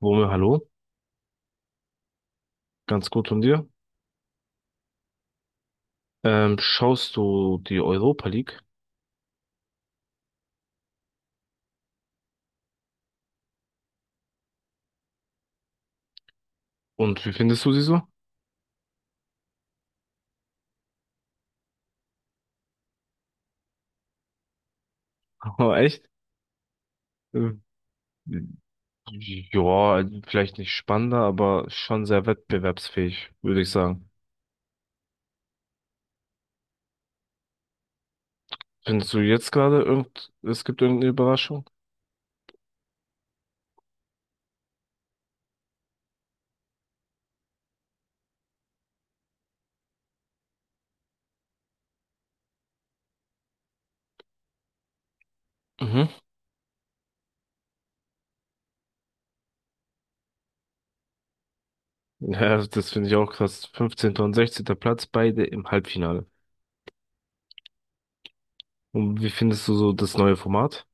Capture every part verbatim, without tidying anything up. Wome, hallo, ganz gut von dir. Ähm, schaust du die Europa League und wie findest du sie so? Oh, echt? Ähm, Ja, vielleicht nicht spannender, aber schon sehr wettbewerbsfähig, würde ich sagen. Findest du jetzt gerade irgend, es gibt irgendeine Überraschung? Mhm. Ja, das finde ich auch krass. Fünfzehnter und sechzehnter Platz, beide im Halbfinale. Und wie findest du so das neue Format?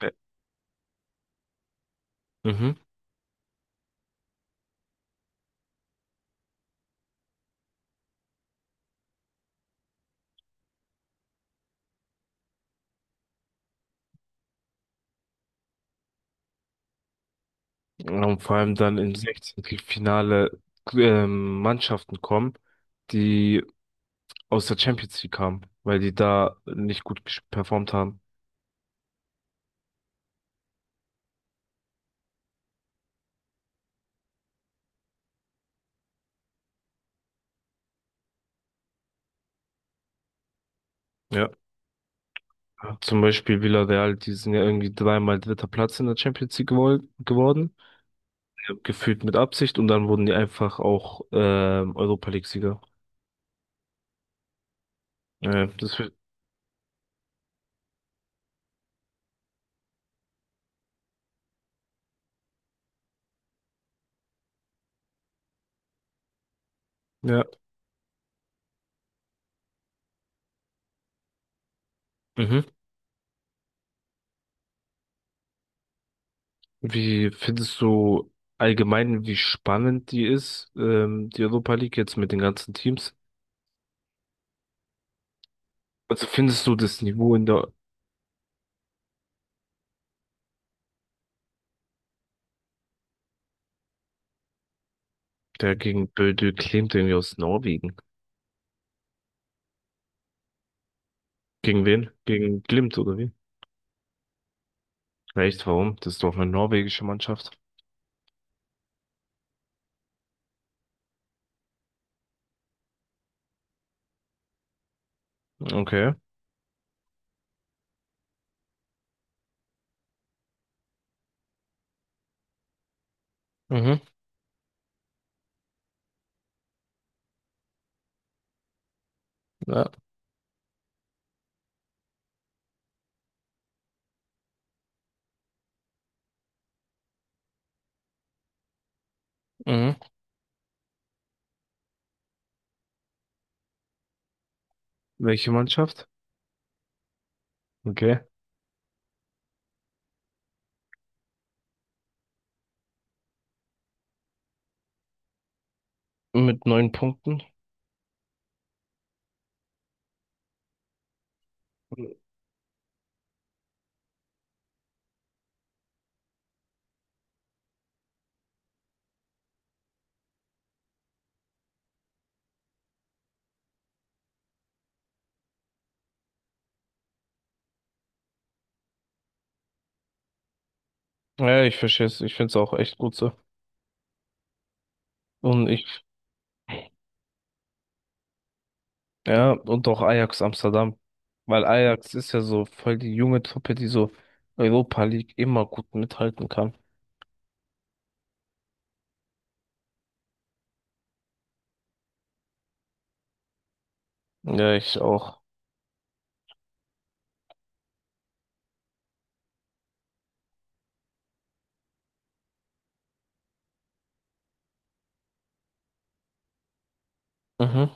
Ja. Mhm. Und vor allem dann in Sechzehntelfinale ähm, Mannschaften kommen, die aus der Champions League kamen, weil die da nicht gut ges- performt haben. Ja, zum Beispiel Villarreal, die sind ja irgendwie dreimal dritter Platz in der Champions League gewol- geworden, ja, gefühlt mit Absicht, und dann wurden die einfach auch ähm, Europa League-Sieger. Äh, das wird, ja. Mhm. Wie findest du allgemein, wie spannend die ist, ähm, die Europa League jetzt mit den ganzen Teams? Also findest du das Niveau in der, Der gegen Bodø Glimt irgendwie aus Norwegen? Gegen wen? Gegen Glimt oder wie? Echt, warum? Das ist doch eine norwegische Mannschaft. Okay. Mhm, ja, mhm. Welche Mannschaft? Okay. Mit neun Punkten. Ja, ich verstehe es. Ich finde es auch echt gut so. Und ich Ja, und auch Ajax Amsterdam. Weil Ajax ist ja so voll die junge Truppe, die so Europa League immer gut mithalten kann. Ja, ich auch. Mhm.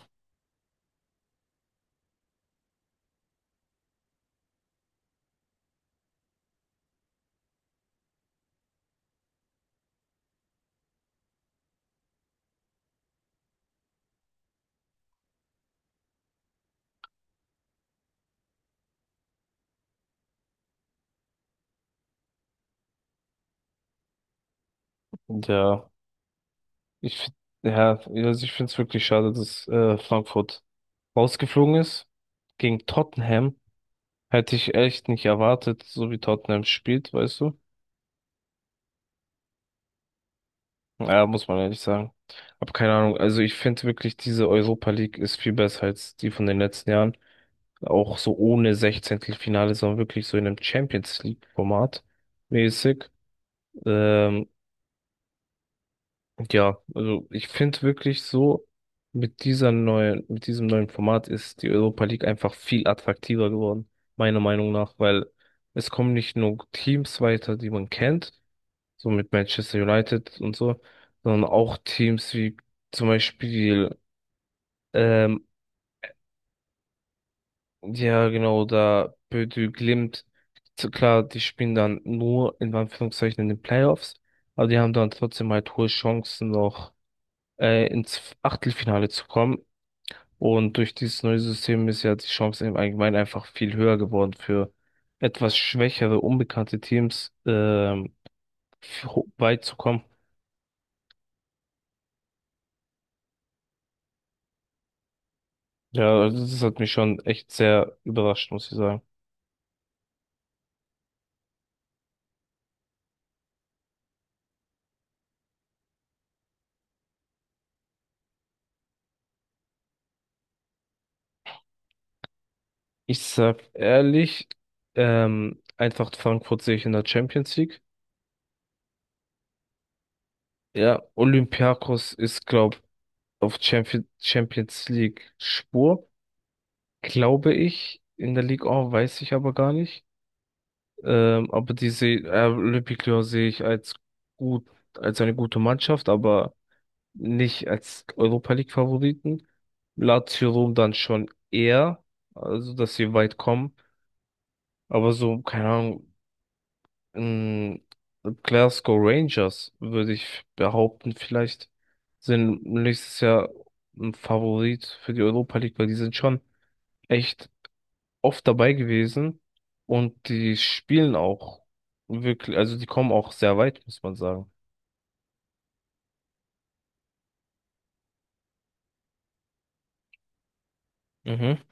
Ja, ich, find- ja, also ich finde es wirklich schade, dass äh, Frankfurt rausgeflogen ist. Gegen Tottenham hätte ich echt nicht erwartet, so wie Tottenham spielt, weißt du? Ja, muss man ehrlich sagen. Hab keine Ahnung. Also ich finde wirklich, diese Europa League ist viel besser als die von den letzten Jahren. Auch so ohne Sechzehntelfinale, sondern wirklich so in einem Champions League-Format mäßig. Ähm, ja, also ich finde wirklich so, mit dieser neuen, mit diesem neuen Format ist die Europa League einfach viel attraktiver geworden, meiner Meinung nach, weil es kommen nicht nur Teams weiter, die man kennt, so mit Manchester United und so, sondern auch Teams wie zum Beispiel ähm, ja, genau, da Bödü Glimt, zu- klar, die spielen dann nur in Anführungszeichen in den Playoffs, aber die haben dann trotzdem halt hohe Chancen noch äh, ins Achtelfinale zu kommen. Und durch dieses neue System ist ja die Chance im Allgemeinen einfach viel höher geworden für etwas schwächere, unbekannte Teams ähm, ho- weit zu kommen. Ja, also das hat mich schon echt sehr überrascht, muss ich sagen. Ich sag ehrlich, ähm, Eintracht Frankfurt sehe ich in der Champions League. Ja, Olympiakos ist, glaube ich, auf Champion Champions League Spur, glaube ich. In der Ligue eins weiß ich aber gar nicht. Ähm, aber diese äh, Olympique Lyon sehe ich als gut, als eine gute Mannschaft, aber nicht als Europa League Favoriten. Lazio Rom dann schon eher, also dass sie weit kommen. Aber so, keine Ahnung, Ähm, Glasgow Rangers, würde ich behaupten, vielleicht sind nächstes Jahr ein Favorit für die Europa League, weil die sind schon echt oft dabei gewesen und die spielen auch wirklich, also die kommen auch sehr weit, muss man sagen. Mhm.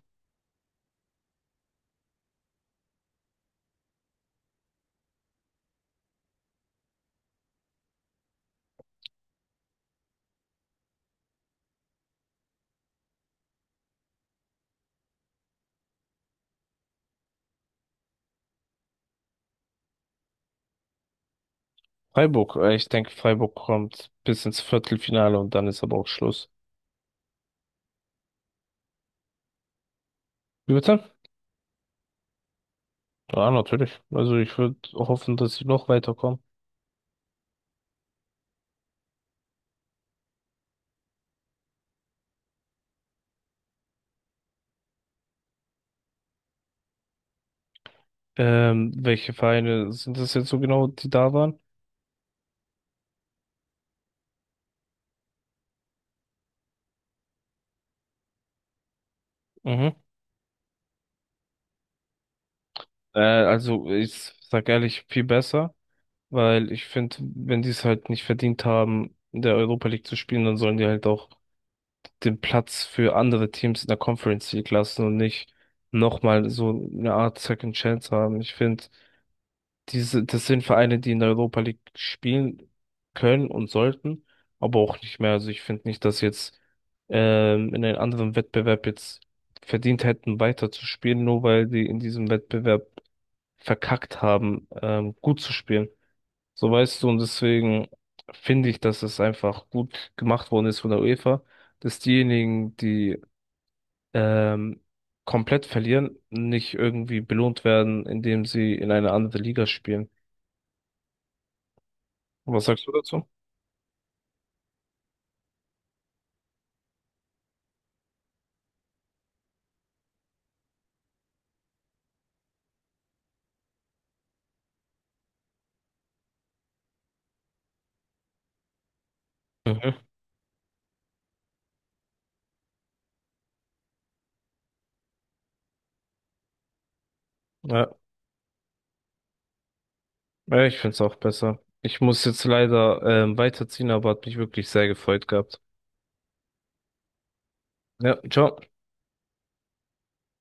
Freiburg, äh, ich denke, Freiburg kommt bis ins Viertelfinale und dann ist aber auch Schluss. Wie bitte? Ja, natürlich. Also ich würde hoffen, dass sie noch weiterkommen. Ähm, welche Vereine sind das jetzt so genau, die da waren? Mhm. Äh, also ich sag ehrlich, viel besser, weil ich finde, wenn die es halt nicht verdient haben, in der Europa League zu spielen, dann sollen die halt auch den Platz für andere Teams in der Conference League lassen und nicht nochmal so eine Art Second Chance haben. Ich finde, diese, das sind Vereine, die in der Europa League spielen können und sollten, aber auch nicht mehr. Also ich finde nicht, dass jetzt ähm, in einem anderen Wettbewerb jetzt verdient hätten, weiterzuspielen, nur weil die in diesem Wettbewerb verkackt haben, ähm, gut zu spielen. So weißt du, und deswegen finde ich, dass es einfach gut gemacht worden ist von der UEFA, dass diejenigen, die ähm, komplett verlieren, nicht irgendwie belohnt werden, indem sie in eine andere Liga spielen. Und was sagst du dazu? Mhm. Ja, ja, ich finde es auch besser. Ich muss jetzt leider ähm, weiterziehen, aber hat mich wirklich sehr gefreut gehabt. Ja, ciao.